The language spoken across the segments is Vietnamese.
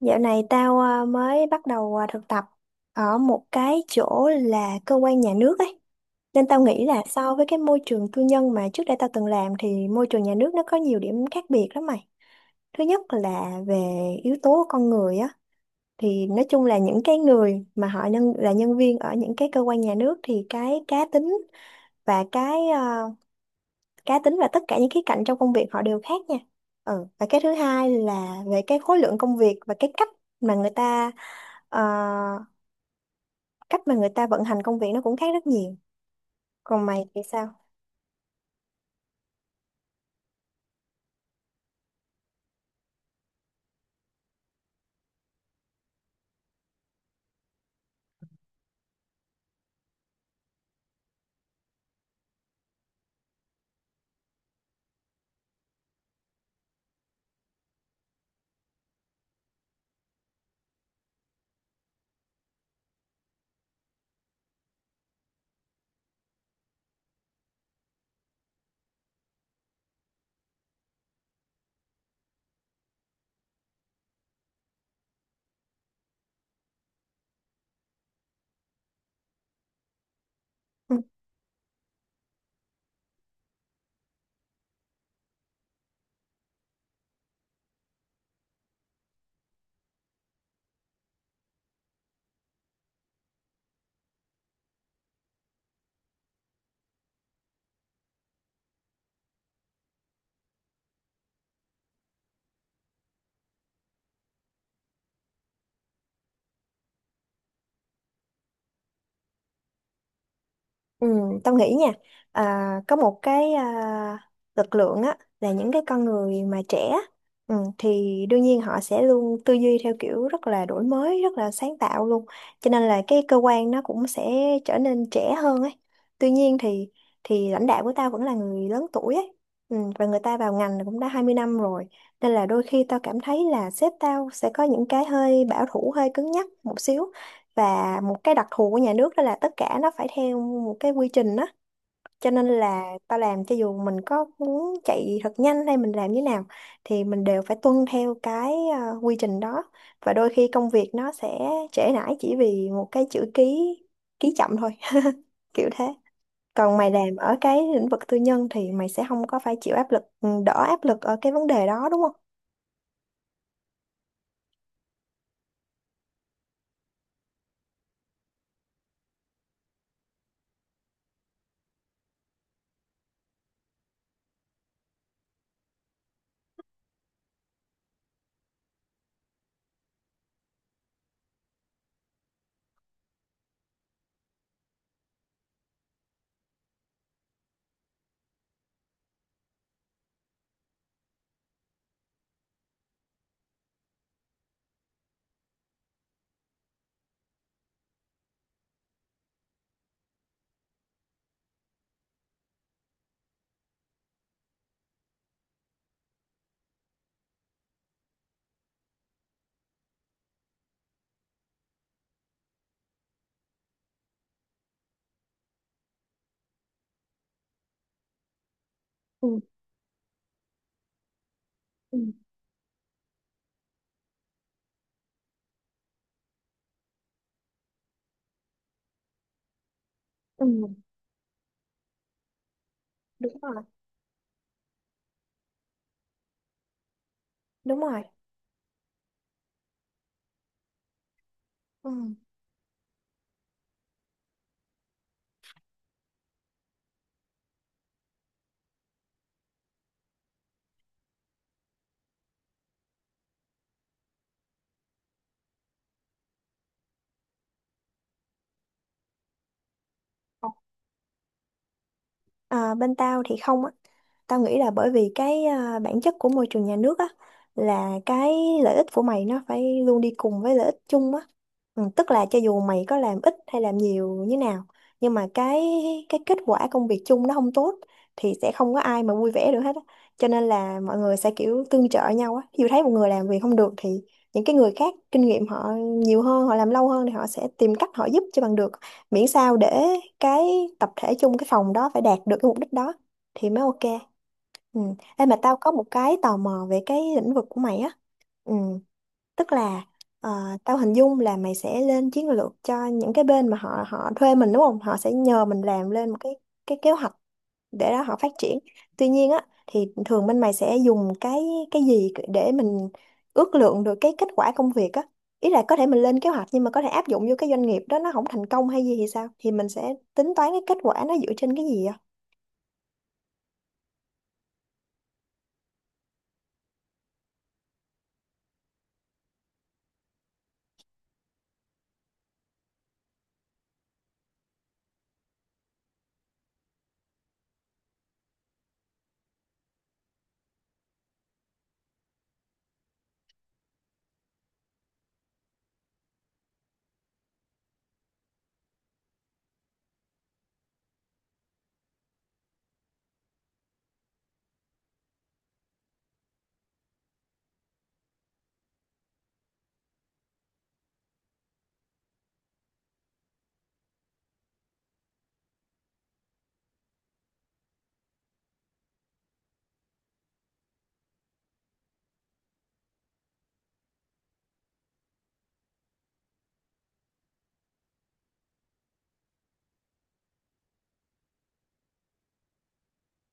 Dạo này tao mới bắt đầu thực tập ở một cái chỗ là cơ quan nhà nước ấy. Nên tao nghĩ là so với cái môi trường tư nhân mà trước đây tao từng làm thì môi trường nhà nước nó có nhiều điểm khác biệt lắm mày. Thứ nhất là về yếu tố con người á, thì nói chung là những cái người mà họ nhân là nhân viên ở những cái cơ quan nhà nước thì cái cá tính và cái à, cá tính và tất cả những khía cạnh trong công việc họ đều khác nha. Ừ. Và cái thứ hai là về cái khối lượng công việc và cái cách mà người ta ờ, cách mà người ta vận hành công việc nó cũng khác rất nhiều. Còn mày thì sao? Ừ. Ừ, tao nghĩ nha, có một lực lượng á là những cái con người mà trẻ á, ừ, thì đương nhiên họ sẽ luôn tư duy theo kiểu rất là đổi mới, rất là sáng tạo luôn, cho nên là cái cơ quan nó cũng sẽ trở nên trẻ hơn ấy. Tuy nhiên thì lãnh đạo của tao vẫn là người lớn tuổi ấy, ừ, và người ta vào ngành cũng đã 20 năm rồi, nên là đôi khi tao cảm thấy là sếp tao sẽ có những cái hơi bảo thủ, hơi cứng nhắc một xíu. Và một cái đặc thù của nhà nước đó là tất cả nó phải theo một cái quy trình đó, cho nên là ta làm cho dù mình có muốn chạy thật nhanh hay mình làm như nào thì mình đều phải tuân theo cái quy trình đó, và đôi khi công việc nó sẽ trễ nải chỉ vì một cái chữ ký, ký chậm thôi. Kiểu thế. Còn mày làm ở cái lĩnh vực tư nhân thì mày sẽ không có phải chịu áp lực, đỡ áp lực ở cái vấn đề đó đúng không? Ừ, ừ, ừ, đúng rồi, đúng rồi, ừ. À, bên tao thì không á. Tao nghĩ là bởi vì bản chất của môi trường nhà nước á là cái lợi ích của mày nó phải luôn đi cùng với lợi ích chung á. Ừ, tức là cho dù mày có làm ít hay làm nhiều như nào nhưng mà cái kết quả công việc chung nó không tốt thì sẽ không có ai mà vui vẻ được hết á. Cho nên là mọi người sẽ kiểu tương trợ nhau á. Ví dụ thấy một người làm việc không được thì những cái người khác kinh nghiệm họ nhiều hơn, họ làm lâu hơn thì họ sẽ tìm cách họ giúp cho bằng được, miễn sao để cái tập thể chung, cái phòng đó phải đạt được cái mục đích đó thì mới ok. Ừ. Ê, mà tao có một cái tò mò về cái lĩnh vực của mày á, ừ, tức là, ờ, tao hình dung là mày sẽ lên chiến lược cho những cái bên mà họ họ thuê mình đúng không, họ sẽ nhờ mình làm lên một cái kế hoạch để đó họ phát triển. Tuy nhiên á thì thường bên mày sẽ dùng cái gì để mình ước lượng được cái kết quả công việc á? Ý là có thể mình lên kế hoạch nhưng mà có thể áp dụng vô cái doanh nghiệp đó nó không thành công hay gì thì sao, thì mình sẽ tính toán cái kết quả nó dựa trên cái gì á?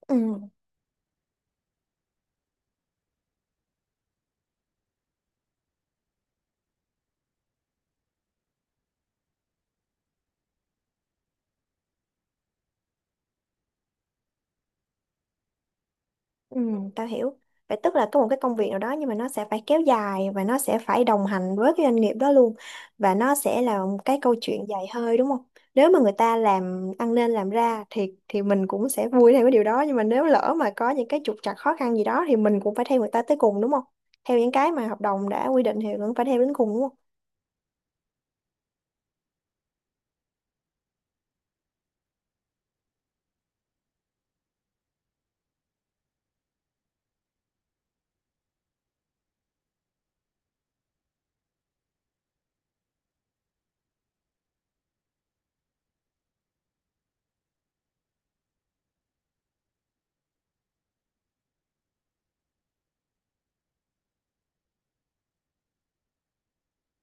Ừ. Ừ, tao hiểu. Vậy tức là có một cái công việc nào đó nhưng mà nó sẽ phải kéo dài và nó sẽ phải đồng hành với cái doanh nghiệp đó luôn, và nó sẽ là một cái câu chuyện dài hơi đúng không? Nếu mà người ta làm ăn nên làm ra thì mình cũng sẽ vui theo cái điều đó, nhưng mà nếu lỡ mà có những cái trục trặc khó khăn gì đó thì mình cũng phải theo người ta tới cùng đúng không? Theo những cái mà hợp đồng đã quy định thì cũng phải theo đến cùng đúng không?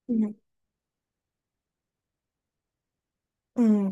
Ừ. Ừ.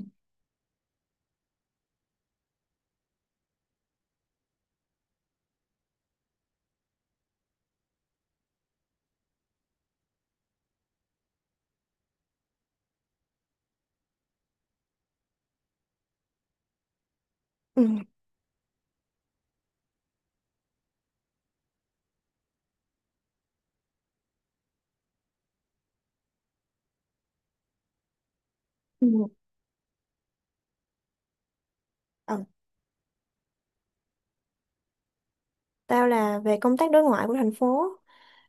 Ừ. Ừ. Tao là về công tác đối ngoại của thành phố.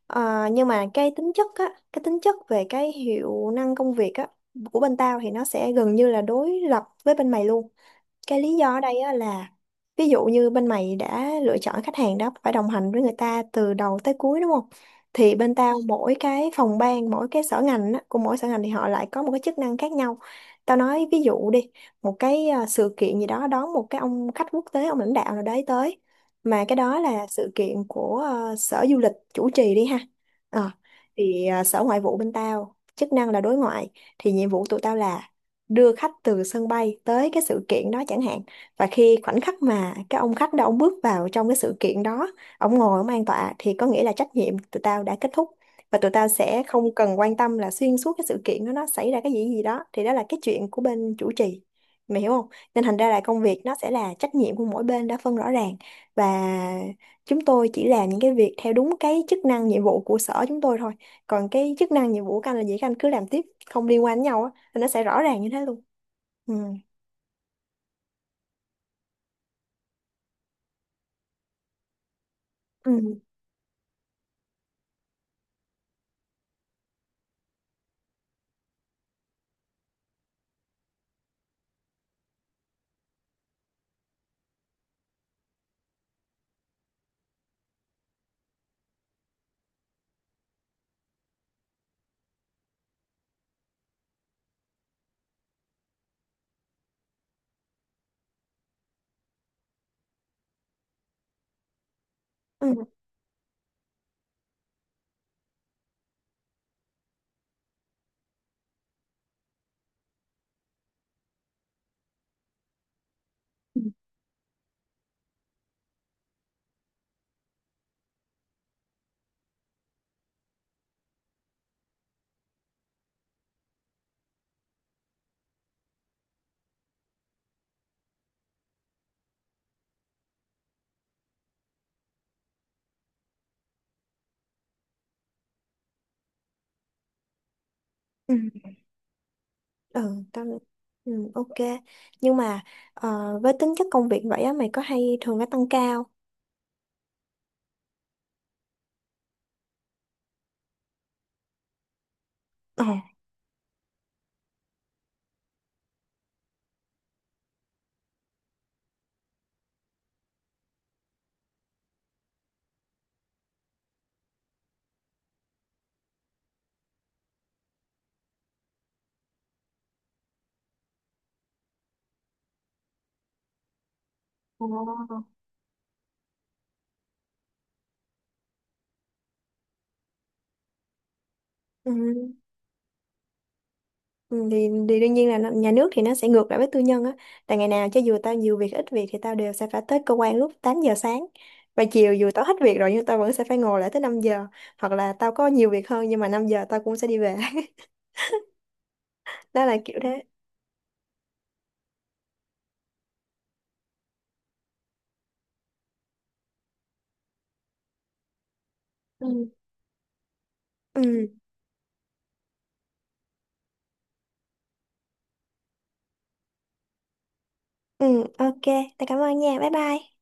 Ờ, nhưng mà cái tính chất á, cái tính chất về cái hiệu năng công việc á của bên tao thì nó sẽ gần như là đối lập với bên mày luôn. Cái lý do ở đây á là ví dụ như bên mày đã lựa chọn khách hàng đó phải đồng hành với người ta từ đầu tới cuối đúng không, thì bên tao mỗi cái phòng ban, mỗi cái sở ngành á, của mỗi sở ngành thì họ lại có một cái chức năng khác nhau. Tao nói ví dụ đi, một cái sự kiện gì đó, đón một cái ông khách quốc tế, ông lãnh đạo nào đấy tới, mà cái đó là sự kiện của sở du lịch chủ trì đi ha. Ờ, thì sở ngoại vụ bên tao chức năng là đối ngoại, thì nhiệm vụ tụi tao là đưa khách từ sân bay tới cái sự kiện đó chẳng hạn, và khi khoảnh khắc mà cái ông khách đó ông bước vào trong cái sự kiện đó, ông ngồi ông an tọa thì có nghĩa là trách nhiệm tụi tao đã kết thúc, và tụi tao sẽ không cần quan tâm là xuyên suốt cái sự kiện đó nó xảy ra cái gì gì đó, thì đó là cái chuyện của bên chủ trì, mày hiểu không. Nên thành ra là công việc nó sẽ là trách nhiệm của mỗi bên đã phân rõ ràng, và chúng tôi chỉ làm những cái việc theo đúng cái chức năng nhiệm vụ của sở chúng tôi thôi, còn cái chức năng nhiệm vụ của anh là gì các anh cứ làm tiếp, không liên quan đến nhau á, thì nó sẽ rõ ràng như thế luôn. Ừ, ừ, ừ, ừ, ừ, ừ, tao, ừ, ok, nhưng mà, với tính chất công việc vậy á mày có hay thường phải tăng ca không? Ờ. Ờ. Ừ. Ừ, thì, đương nhiên là nó- nhà nước thì nó sẽ ngược lại với tư nhân á, tại ngày nào cho dù tao nhiều việc ít việc thì tao đều sẽ phải tới cơ quan lúc 8 giờ sáng, và chiều dù tao hết việc rồi nhưng tao vẫn sẽ phải ngồi lại tới 5 giờ, hoặc là tao có nhiều việc hơn nhưng mà 5 giờ tao cũng sẽ đi về. Đó là kiểu thế. Ừ. Ừ. Ừ, ok, tao cảm ơn nha, bye bye.